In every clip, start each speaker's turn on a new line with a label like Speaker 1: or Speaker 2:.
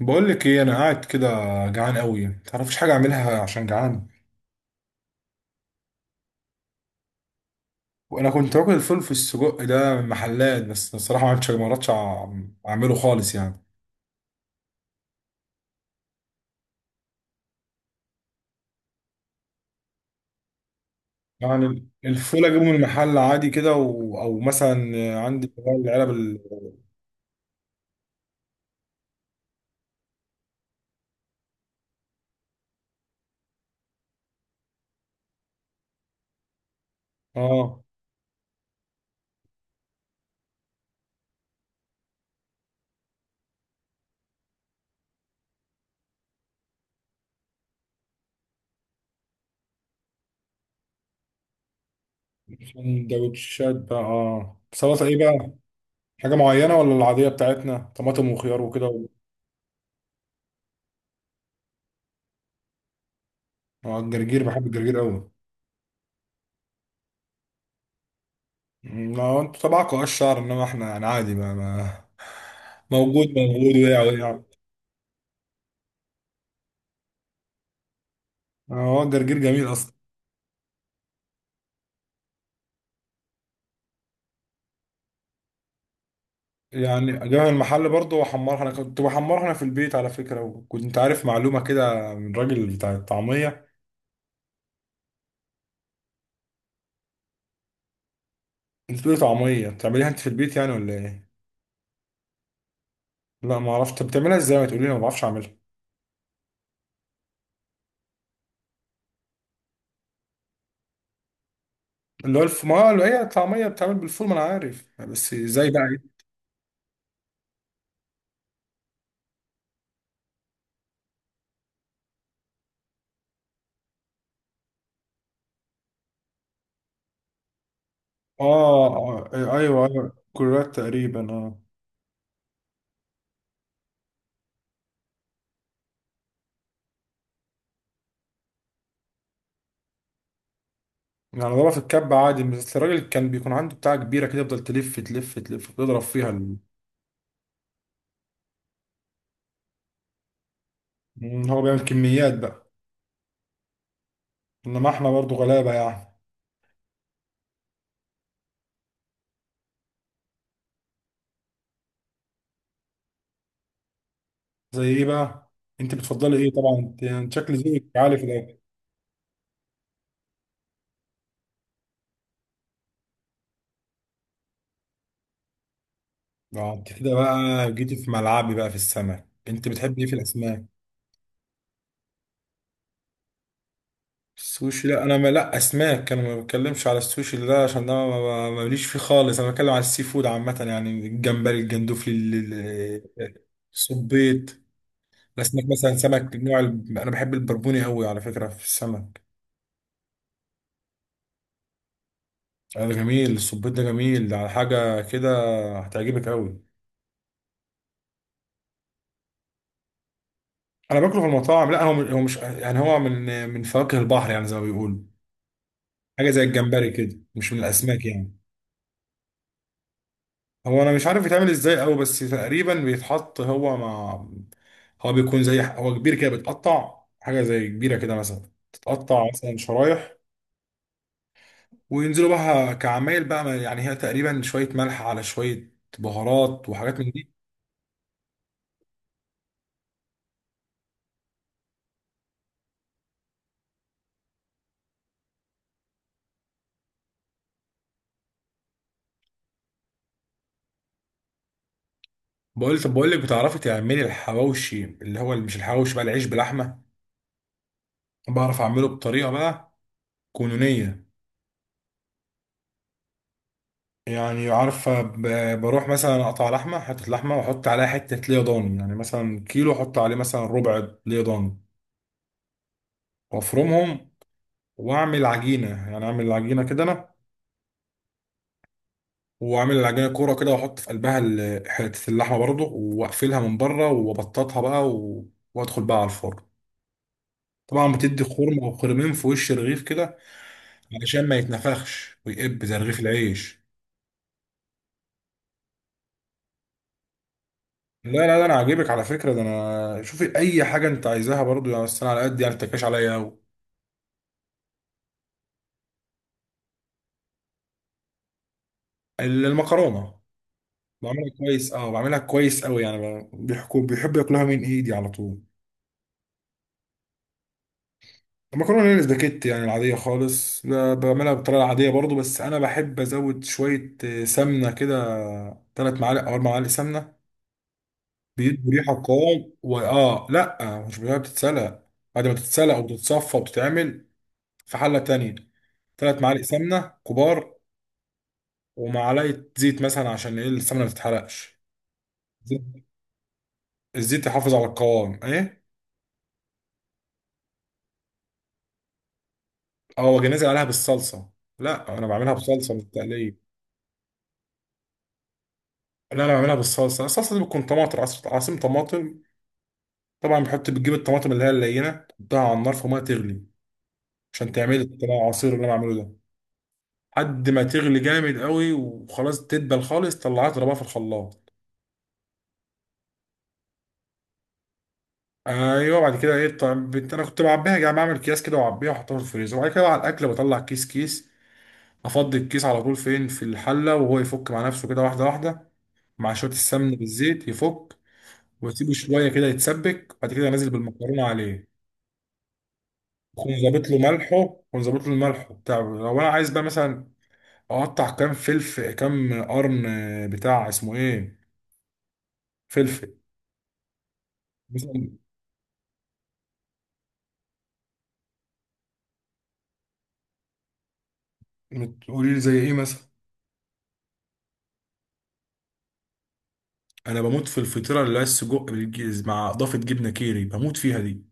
Speaker 1: بقول لك ايه، انا قاعد كده جعان قوي، ما تعرفش حاجه اعملها عشان جعان. وانا كنت باكل الفول في السجق ده من محلات، بس الصراحه ما عرفتش ما عرفتش أع- اعمله خالص يعني. يعني الفول اجيبه من المحل عادي كده او مثلا عندي اللي هو العلب اه سندوتشات بقى، اه سلطه ايه بقى؟ حاجه معينه ولا العاديه بتاعتنا طماطم وخيار وكده اه الجرجير، بحب الجرجير قوي. يعني ما هو انتوا تبعكم اه الشعر، انما احنا يعني عادي ما موجود موجود وقع وقع. يعني هو الجرجير جميل اصلا. يعني جبنة المحل برضه بحمرها، انا كنت بحمرها انا في البيت على فكره، وكنت عارف معلومه كده من راجل بتاع الطعميه. انت بتقولي طعميه بتعمليها انت في البيت يعني ولا ايه؟ لا ما اعرفش، طب بتعملها ازاي؟ ما تقولي لي، أنا ما بعرفش اعملها. اللي هو ما هو هي الطعميه بتعمل بالفول ما انا عارف، بس ازاي بقى ايه؟ اه، ايوه ايوه، كرات تقريبا اه. يعني ضربها في الكب عادي، بس الراجل كان بيكون عنده بتاعة كبيرة كده يفضل تلف تلف تلف يضرب فيها إن هو بيعمل كميات بقى. انما احنا برضو غلابة يعني. زي ايه بقى؟ انت بتفضلي ايه طبعا؟ انت يعني شكل ذوقك عالي في الاكل. اه انت كده بقى جيتي في ملعبي بقى في السمك، انت بتحبي ايه في الاسماك؟ السوشي؟ لا انا ما، لا اسماك، انا ما بتكلمش على السوشي ده، عشان ده ماليش فيه خالص، انا بتكلم على السي فود عامة، يعني الجمبري، الجندوفلي، ال- ال- الصبيط. الاسماك مثلا سمك نوع انا بحب البربوني قوي على فكره في السمك. ده جميل، الصبيط ده جميل على حاجه كده. هتعجبك قوي. انا باكله في المطاعم، لا هو هو مش، يعني هو من فواكه البحر يعني زي ما بيقولوا. حاجه زي الجمبري كده، مش من الاسماك يعني. هو انا مش عارف يتعمل ازاي قوي، بس تقريبا بيتحط هو مع، هو بيكون زي، هو كبير كده بيتقطع حاجه زي كبيره كده مثلا، تتقطع مثلا شرايح. وينزلوا بقى كعمايل بقى يعني هي تقريبا شوية ملح على شوية بهارات وحاجات من دي. بقول طب بقول لك، بتعرفي تعملي الحواوشي؟ اللي هو مش الحواوشي بقى، العيش بلحمة. بعرف أعمله بطريقة بقى كونونية. يعني عارفة بروح مثلا أقطع لحمة، حتة لحمة، وأحط عليها حتة ليا ضاني، يعني مثلا كيلو أحط عليه مثلا ربع ليا ضاني، وأفرمهم. وأعمل عجينة، يعني أعمل عجينة كده أنا، وعامل العجينه كوره كده، واحط في قلبها حته اللحمه برضه، واقفلها من بره، وابططها بقى وادخل بقى على الفرن. طبعا بتدي خرم او خرمين في وش الرغيف كده علشان ما يتنفخش ويقب زي رغيف العيش. لا لا لا انا عاجبك على فكره ده، انا شوفي اي حاجه انت عايزاها برضه يعني، بس انا على قد يعني ما تكاش عليا قوي. المكرونه. بعملها كويس اه، بعملها كويس قوي يعني، بيحكوا بيحب ياكلها من ايدي على طول. المكرونه الاسباجيتي يعني العاديه خالص، لا بعملها بالطريقه العاديه برضو، بس انا بحب ازود شويه سمنه كده، 3 معالق او 4 معالق سمنه. بيدوا ريحه قوام، واه لا مش بيها بتتسلق. بعد ما تتسلق وتتصفى وتتعمل في حله تانية، 3 معالق سمنه كبار ومعلقه زيت مثلا، عشان ايه السمنه ما تتحرقش. زيت- الزيت يحافظ على القوام ايه. اه واجي نازل عليها بالصلصه. لا انا بعملها بصلصه مش تقليه، لا انا بعملها بالصلصه. الصلصه دي بتكون طماطم عصير طماطم. طبعا بتجيب الطماطم اللي هي اللينه، تحطها على النار في ميه تغلي، عشان تعمل العصير اللي انا بعمله ده، لحد ما تغلي جامد قوي وخلاص تدبل خالص، طلعها اضربها في الخلاط. ايوه، بعد كده ايه؟ طب انا كنت بعبيها، يعني بعمل اكياس كده واعبيها واحطها في الفريزر، وبعد كده على الاكل بطلع كيس كيس، افضي الكيس على طول فين في الحله، وهو يفك مع نفسه كده واحده واحده، مع شويه السمن بالزيت يفك. واسيبه شويه كده يتسبك، بعد كده انزل بالمكرونه عليه. اكون ظابط له ملحه اكون ظابط له الملح بتاع، لو انا عايز بقى مثلا اقطع كام فلفل، كام قرن بتاع اسمه ايه، فلفل. مثلا تقولي لي زي ايه مثلا؟ انا بموت في الفطيره اللي هي السجق مع اضافه جبنه كيري، بموت فيها دي.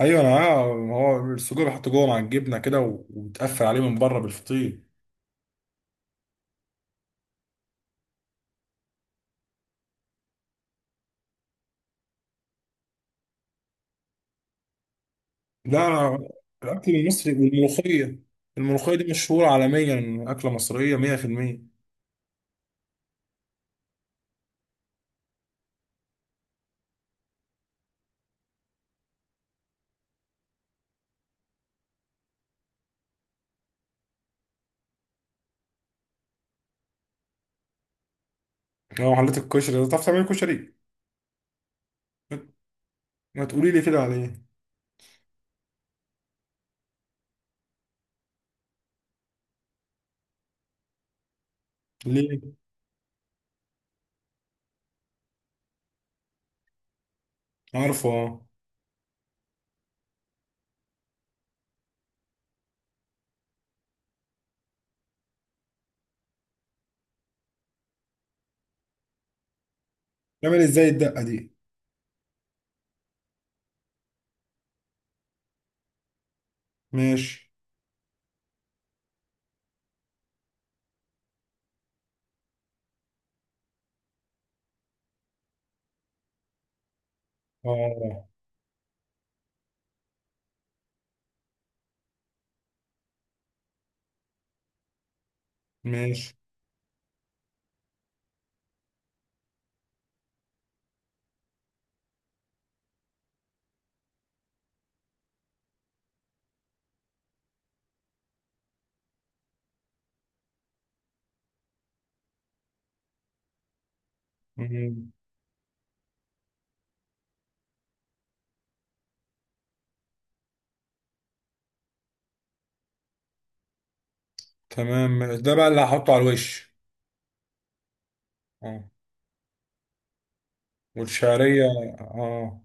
Speaker 1: ايوه انا عارف، هو السجق بيحط جوه مع الجبنه كده وبتقفل عليه من بره بالفطير. لا الاكل المصري والملوخيه. الملوخيه دي مشهوره عالميا إن اكله مصريه 100%. لو حليت الكشري ده، تعرف تعمل كشري؟ ما تقولي لي كده عليه. ليه؟ عارفه اه. تعمل ازاي الدقة دي؟ ماشي. اه ماشي. مم. تمام ماشي. ده بقى اللي هحطه على الوش. اه والشعرية. اه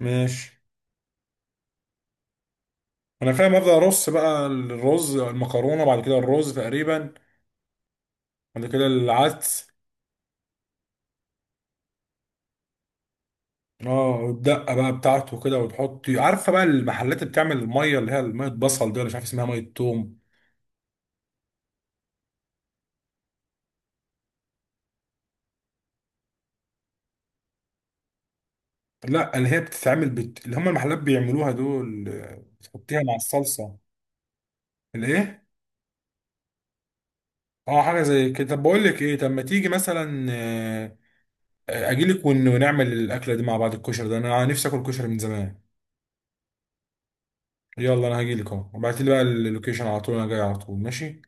Speaker 1: ماشي. انا فاهم، ابدا ارص بقى الرز المكرونة، بعد كده الرز تقريبا، بعد كده العدس. اه والدقة بقى بتاعته كده وتحطي. عارفة بقى المحلات اللي بتعمل المية اللي هي مية بصل دي، ولا مش عارف اسمها، مية توم. لا اللي هي بتتعمل اللي هم المحلات بيعملوها دول بتحطيها مع الصلصة. الايه؟ اه حاجة زي كده. طب بقول لك ايه، طب ما تيجي مثلا، اجيلك ونعمل الاكلة دي مع بعض، الكشري ده انا نفسي اكل كشري من زمان. يلا انا هجيلك اهو، ابعتي لي بقى اللوكيشن على طول، انا جاي على طول ماشي.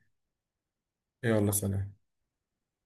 Speaker 1: يلا سلام.